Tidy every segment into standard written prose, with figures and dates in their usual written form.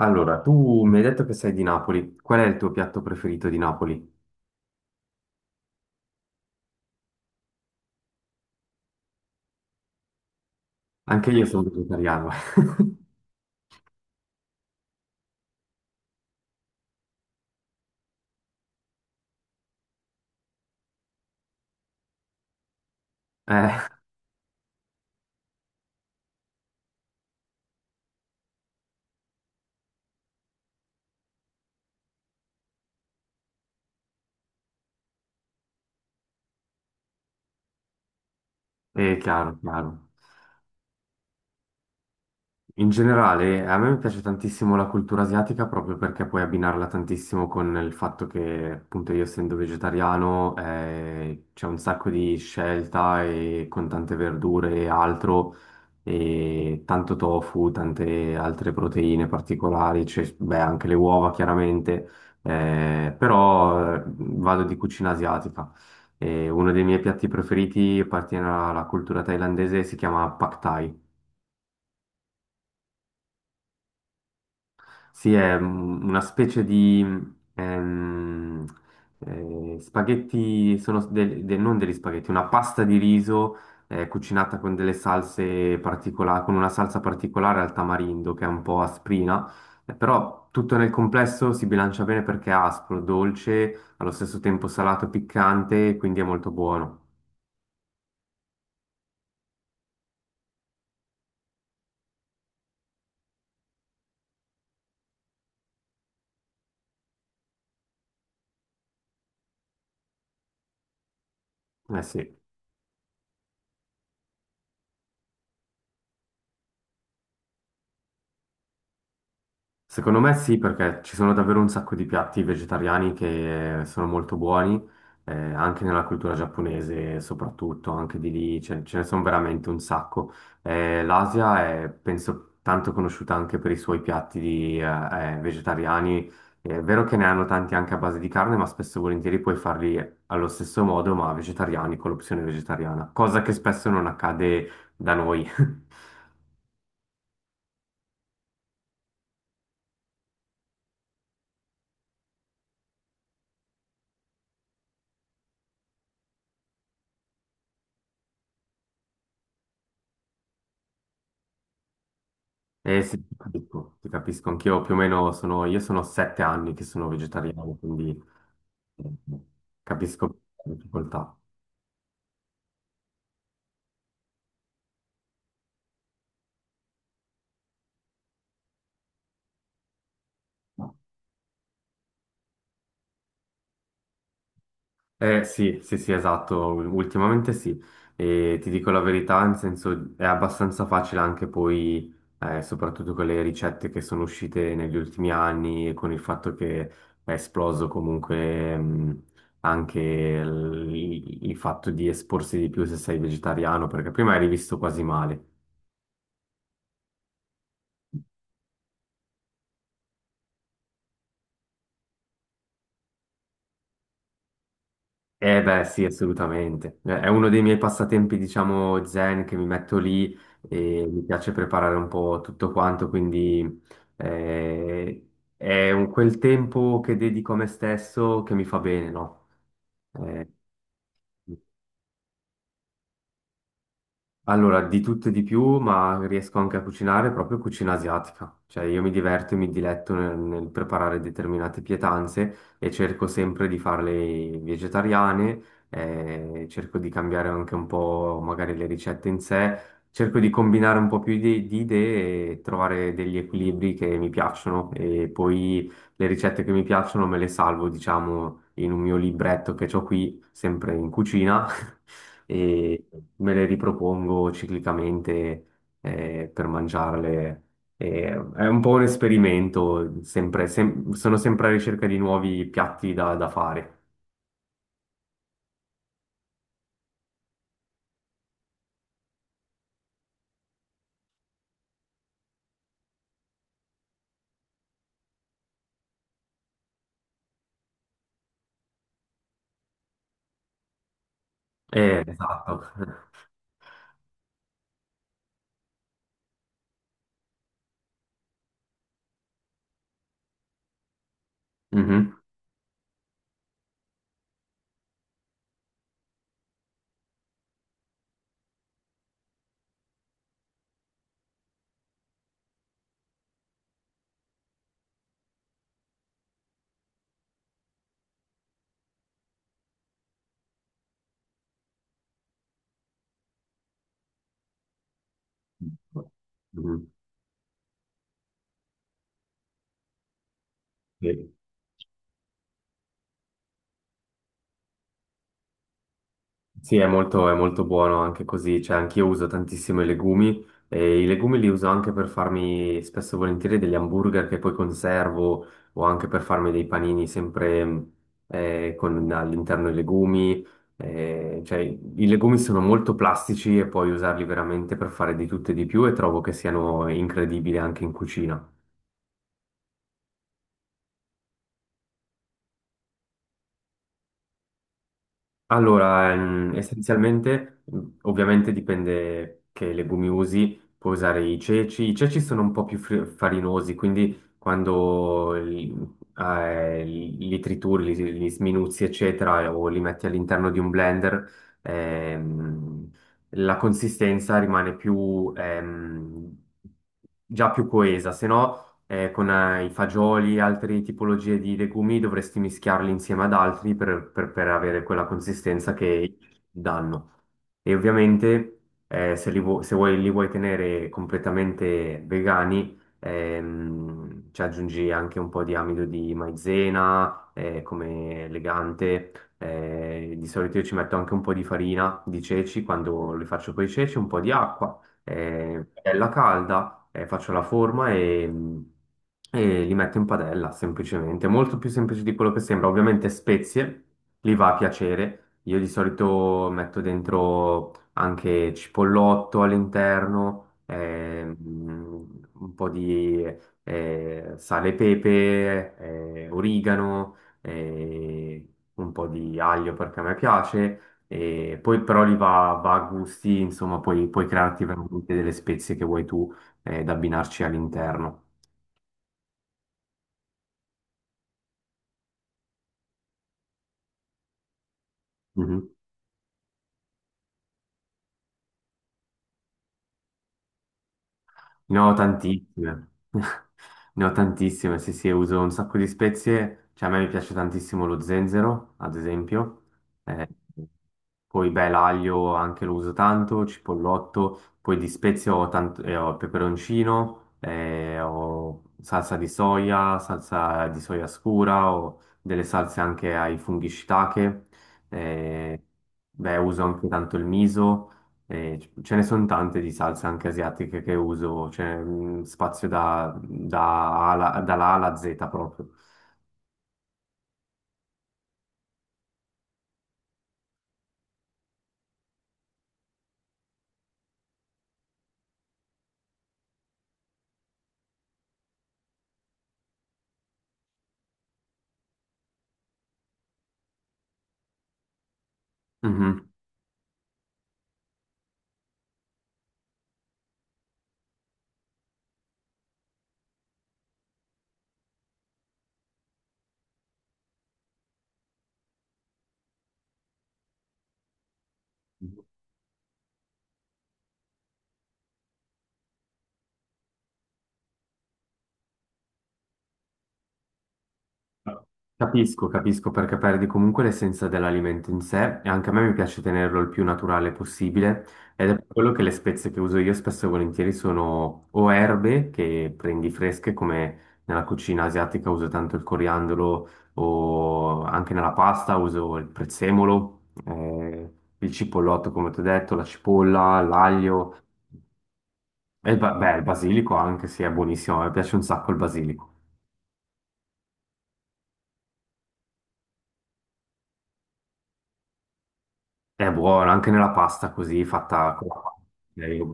Allora, tu mi hai detto che sei di Napoli. Qual è il tuo piatto preferito di Napoli? Anche io sono vegetariano. Eh, è chiaro, chiaro. In generale, a me piace tantissimo la cultura asiatica proprio perché puoi abbinarla tantissimo con il fatto che, appunto, io essendo vegetariano, c'è un sacco di scelta e con tante verdure e altro. E tanto tofu, tante altre proteine particolari, beh, anche le uova chiaramente, però vado di cucina asiatica. E uno dei miei piatti preferiti appartiene alla cultura thailandese, e si chiama Pad Thai. Sì, è una specie di ehm, spaghetti, sono non degli spaghetti, una pasta di riso cucinata con delle salse particolari, con una salsa particolare al tamarindo che è un po' asprina, però tutto nel complesso si bilancia bene perché è aspro, dolce, allo stesso tempo salato e piccante, quindi è molto buono. Eh sì. Secondo me sì, perché ci sono davvero un sacco di piatti vegetariani che sono molto buoni, anche nella cultura giapponese soprattutto, anche di lì ce ne sono veramente un sacco. l'Asia è, penso, tanto conosciuta anche per i suoi piatti di, vegetariani. È vero che ne hanno tanti anche a base di carne, ma spesso e volentieri puoi farli allo stesso modo, ma vegetariani, con l'opzione vegetariana, cosa che spesso non accade da noi. Eh sì, ti capisco, ti capisco. Anch'io più o meno sono, io sono 7 anni che sono vegetariano, quindi eh, capisco le difficoltà. Eh sì, sì, sì, esatto, ultimamente sì. E ti dico la verità, nel senso è abbastanza facile anche poi, soprattutto con le ricette che sono uscite negli ultimi anni e con il fatto che è esploso comunque anche il fatto di esporsi di più se sei vegetariano, perché prima eri visto quasi male. Eh beh, sì, assolutamente. È uno dei miei passatempi, diciamo, zen che mi metto lì e mi piace preparare un po' tutto quanto, quindi eh, è quel tempo che dedico a me stesso che mi fa bene, no? Eh, allora, di tutto e di più, ma riesco anche a cucinare proprio cucina asiatica. Cioè, io mi diverto e mi diletto nel, nel preparare determinate pietanze e cerco sempre di farle vegetariane, cerco di cambiare anche un po' magari le ricette in sé, cerco di combinare un po' più di idee e trovare degli equilibri che mi piacciono e poi le ricette che mi piacciono me le salvo, diciamo, in un mio libretto che ho qui, sempre in cucina, e me le ripropongo ciclicamente per mangiarle. E è un po' un esperimento, sempre, sono sempre alla ricerca di nuovi piatti da, da fare. Esatto. Mhm. Mhm. Sì. Sì, è molto buono anche così, cioè anch'io uso tantissimo i legumi e i legumi li uso anche per farmi spesso e volentieri degli hamburger che poi conservo o anche per farmi dei panini sempre con all'interno i legumi, cioè i legumi sono molto plastici e puoi usarli veramente per fare di tutto e di più e trovo che siano incredibili anche in cucina. Allora, essenzialmente, ovviamente dipende che legumi usi, puoi usare i ceci sono un po' più farinosi, quindi quando li, li trituri, li, li sminuzzi, eccetera, o li metti all'interno di un blender, ehm, la consistenza rimane più, già più coesa, se no con i fagioli e altre tipologie di legumi dovresti mischiarli insieme ad altri per, per avere quella consistenza che danno. E ovviamente se, se vuoi, li vuoi tenere completamente vegani, ci aggiungi anche un po' di amido di maizena come legante. Di solito io ci metto anche un po' di farina di ceci quando li faccio con i ceci, un po' di acqua, padella calda faccio la forma e li metto in padella, semplicemente. Molto più semplice di quello che sembra. Ovviamente spezie, li va a piacere. Io di solito metto dentro anche cipollotto all'interno, un po' di sale e pepe, origano, eh, un po' di aglio perché a me piace. E poi però li va, va a gusti, insomma, puoi, puoi crearti veramente delle spezie che vuoi tu da abbinarci all'interno. Mhm. Ne ho tantissime. Ne ho tantissime, sì, sì, uso un sacco di spezie. Cioè, a me mi piace tantissimo lo zenzero, ad esempio. Eh, poi, beh, l'aglio anche lo uso tanto, cipollotto. Poi di spezie ho, ho il peperoncino, ho salsa di soia scura, ho delle salse anche ai funghi shiitake. Eh, beh, uso anche tanto il miso. E ce ne sono tante di salse anche asiatiche che uso, c'è mm, spazio da, dalla A alla Z proprio. Mhm. Capisco, capisco perché perdi comunque l'essenza dell'alimento in sé e anche a me mi piace tenerlo il più naturale possibile ed è per quello che le spezie che uso io spesso e volentieri sono o erbe che prendi fresche come nella cucina asiatica uso tanto il coriandolo o anche nella pasta uso il prezzemolo, il cipollotto come ti ho detto, la cipolla, l'aglio e beh, il basilico anche se è buonissimo, a me piace un sacco il basilico. È buono, anche nella pasta così fatta con la pasta.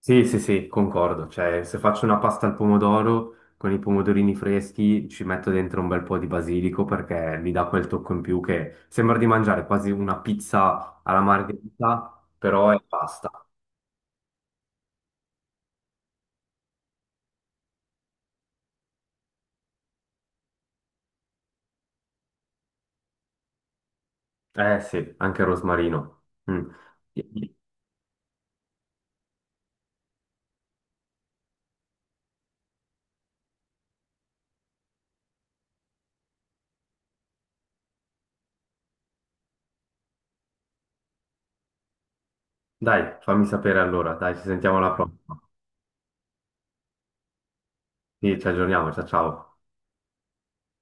Sì, sì, sì, concordo. Cioè, se faccio una pasta al pomodoro con i pomodorini freschi, ci metto dentro un bel po' di basilico perché mi dà quel tocco in più che sembra di mangiare quasi una pizza alla margherita, però è pasta. Eh sì, anche il rosmarino. Mm. Dai, fammi sapere allora. Dai, ci sentiamo alla prossima. Sì, ci aggiorniamo. Ciao, ciao.